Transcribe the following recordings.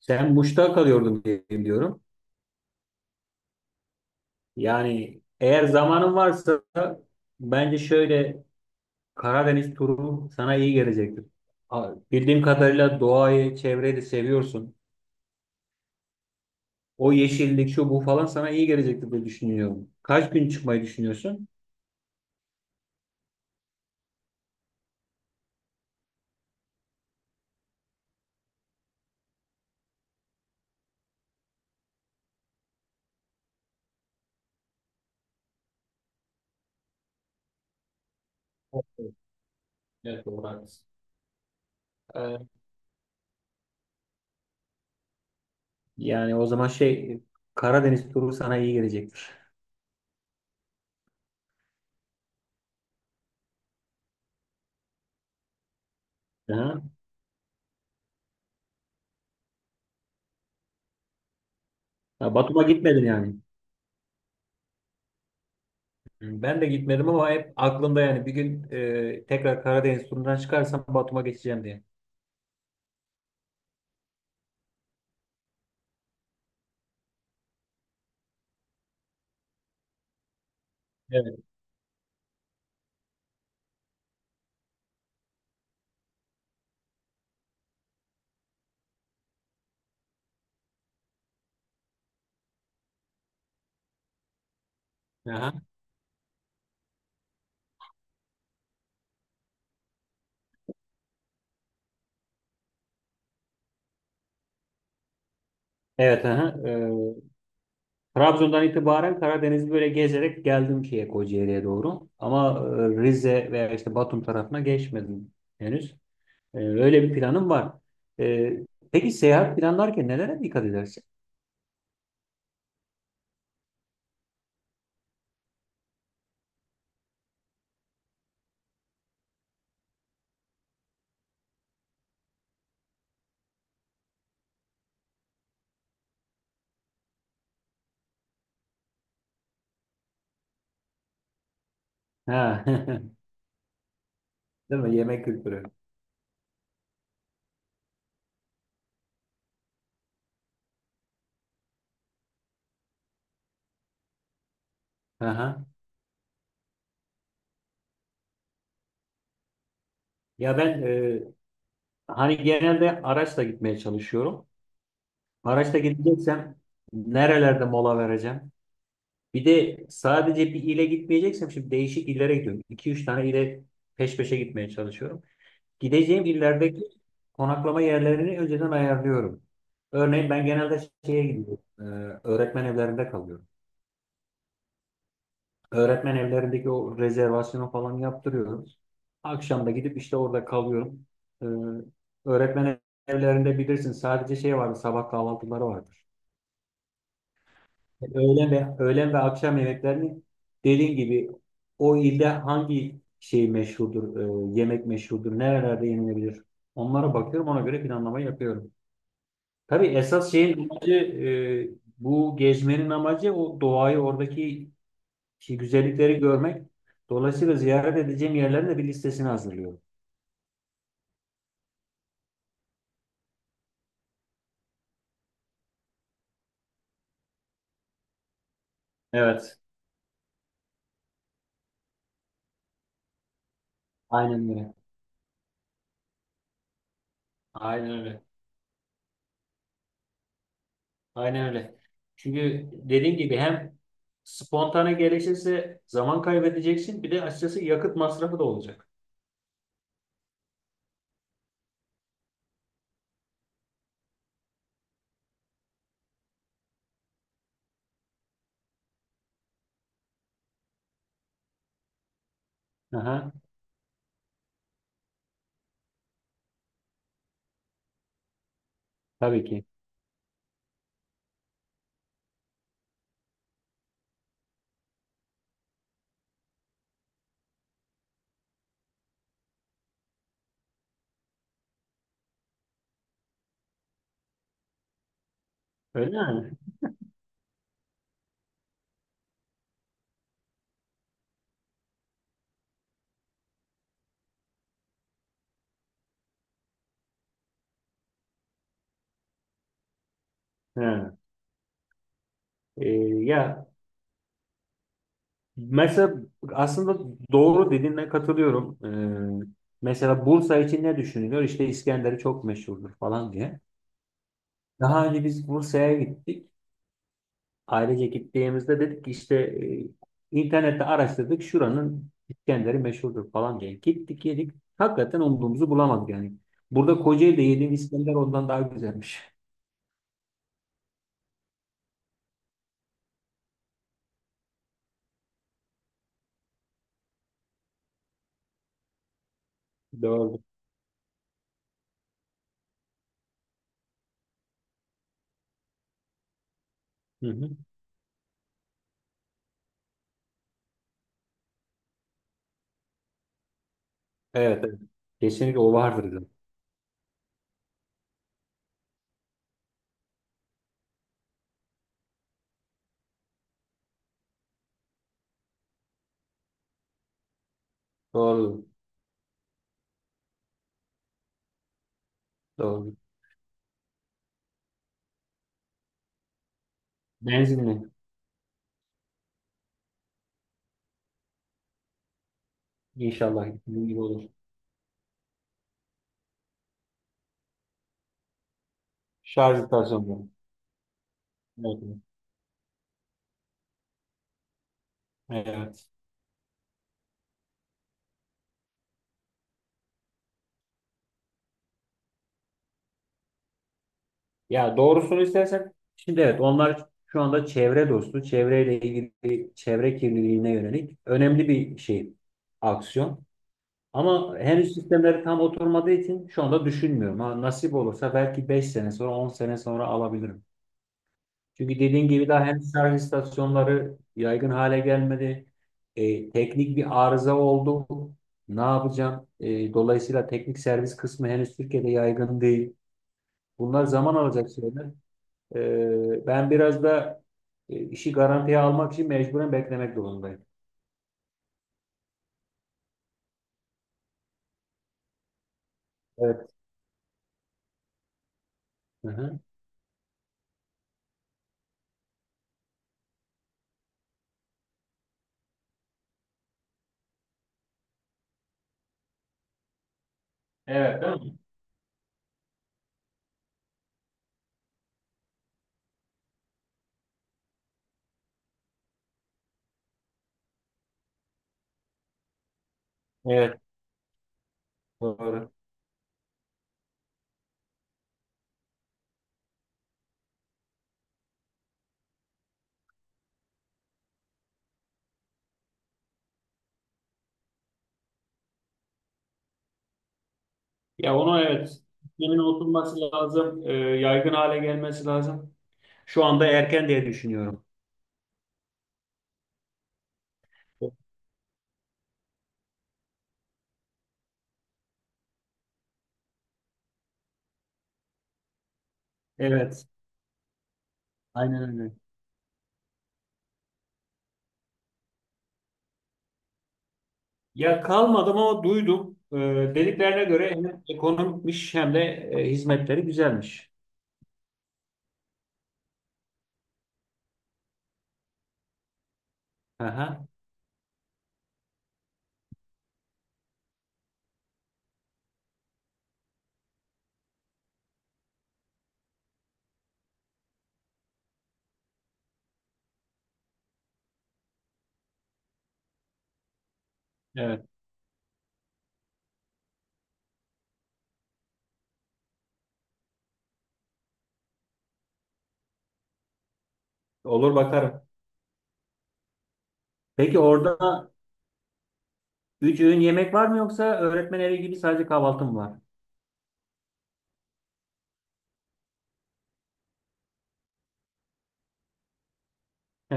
Sen Muş'ta kalıyordun diye biliyorum. Yani eğer zamanın varsa bence şöyle Karadeniz turu sana iyi gelecektir. Bildiğim kadarıyla doğayı, çevreyi de seviyorsun. O yeşillik, şu bu falan sana iyi gelecektir diye düşünüyorum. Kaç gün çıkmayı düşünüyorsun? Evet, evet, doğru haklısın. Ee, Yani o zaman Karadeniz turu sana iyi gelecektir. Hı hı. Ya Batum'a gitmedin yani. Ben de gitmedim ama hep aklımda yani bir gün tekrar Karadeniz turundan çıkarsam Batum'a geçeceğim diye. Evet. Aha. Evet, aha. Trabzon'dan itibaren Karadeniz'i böyle gezerek geldim şeye Kocaeli'ye doğru. Ama Rize veya işte Batum tarafına geçmedim henüz. Öyle bir planım var. E, peki seyahat planlarken nelere dikkat edersin? Ha. Değil mi? Yemek kültürü. Aha. Ya ben hani genelde araçla gitmeye çalışıyorum. Araçta gideceksem nerelerde mola vereceğim? Bir de sadece bir ile gitmeyeceksem şimdi değişik illere gidiyorum. 2 üç tane ile peş peşe gitmeye çalışıyorum. Gideceğim illerdeki konaklama yerlerini önceden ayarlıyorum. Örneğin ben genelde şeye gidiyorum. Öğretmen evlerinde kalıyorum. Öğretmen evlerindeki o rezervasyonu falan yaptırıyorum. Akşam da gidip işte orada kalıyorum. E, Öğretmen evlerinde bilirsin sadece şey vardı sabah kahvaltıları vardır. Öğlen ve akşam yemeklerini dediğin gibi o ilde hangi şey meşhurdur, yemek meşhurdur, nerelerde yenilebilir? Onlara bakıyorum, ona göre planlama yapıyorum. Tabii esas şeyin amacı, bu gezmenin amacı o doğayı, oradaki güzellikleri görmek. Dolayısıyla ziyaret edeceğim yerlerin de bir listesini hazırlıyorum. Evet, aynen öyle. Aynen öyle. Aynen öyle. Çünkü dediğim gibi hem spontane gelişirse zaman kaybedeceksin bir de açıkçası yakıt masrafı da olacak. Aha, tabii ki. Öyle mi? Ha. Ee, ya mesela aslında doğru dediğine katılıyorum. Ee, mesela Bursa için ne düşünülüyor? İşte İskender'i çok meşhurdur falan diye. Daha önce biz Bursa'ya gittik. Ailece gittiğimizde dedik ki işte internette araştırdık şuranın İskender'i meşhurdur falan diye. Gittik yedik. Hakikaten umduğumuzu bulamadık yani. Burada Kocaeli'de yediğim İskender ondan daha güzelmiş. Doğru. Hı hı. Evet, evet. Kesinlikle o vardır dedim. Doğru. Doğru. Benzinli. İnşallah. Bunun gibi olur. Şarj istasyonu. Evet. Evet. Ya doğrusunu istersen şimdi evet onlar şu anda çevre dostu, çevreyle ilgili çevre kirliliğine yönelik önemli bir şey aksiyon. Ama henüz sistemleri tam oturmadığı için şu anda düşünmüyorum. Ha, nasip olursa belki 5 sene sonra 10 sene sonra alabilirim. Çünkü dediğin gibi daha henüz şarj istasyonları yaygın hale gelmedi. Teknik bir arıza oldu. Ne yapacağım? Dolayısıyla teknik servis kısmı henüz Türkiye'de yaygın değil. Bunlar zaman alacak şeyler. Ben biraz da işi garantiye almak için mecburen beklemek durumundayım. Evet. Hı hı. Evet, değil mi? Evet, doğru. Ya onu evet, sistemin oturması lazım, yaygın hale gelmesi lazım. Şu anda erken diye düşünüyorum. Evet, aynen öyle. Ya kalmadım ama duydum. Dediklerine göre hem ekonomikmiş hem de hizmetleri güzelmiş. Aha, evet, olur bakarım. Peki orada 3 öğün yemek var mı yoksa öğretmen evi gibi sadece kahvaltı mı var? He,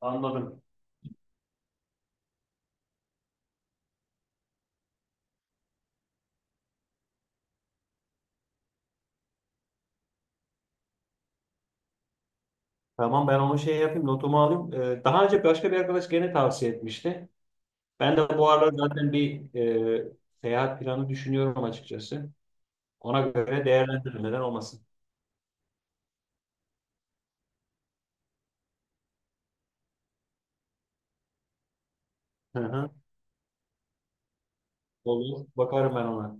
anladım. Tamam ben onu şey yapayım notumu alayım. Daha önce başka bir arkadaş gene tavsiye etmişti. Ben de bu aralar zaten bir e, seyahat planı düşünüyorum açıkçası. Ona göre değerlendiririm neden olmasın. Hı hı. Olur bakarım ben ona.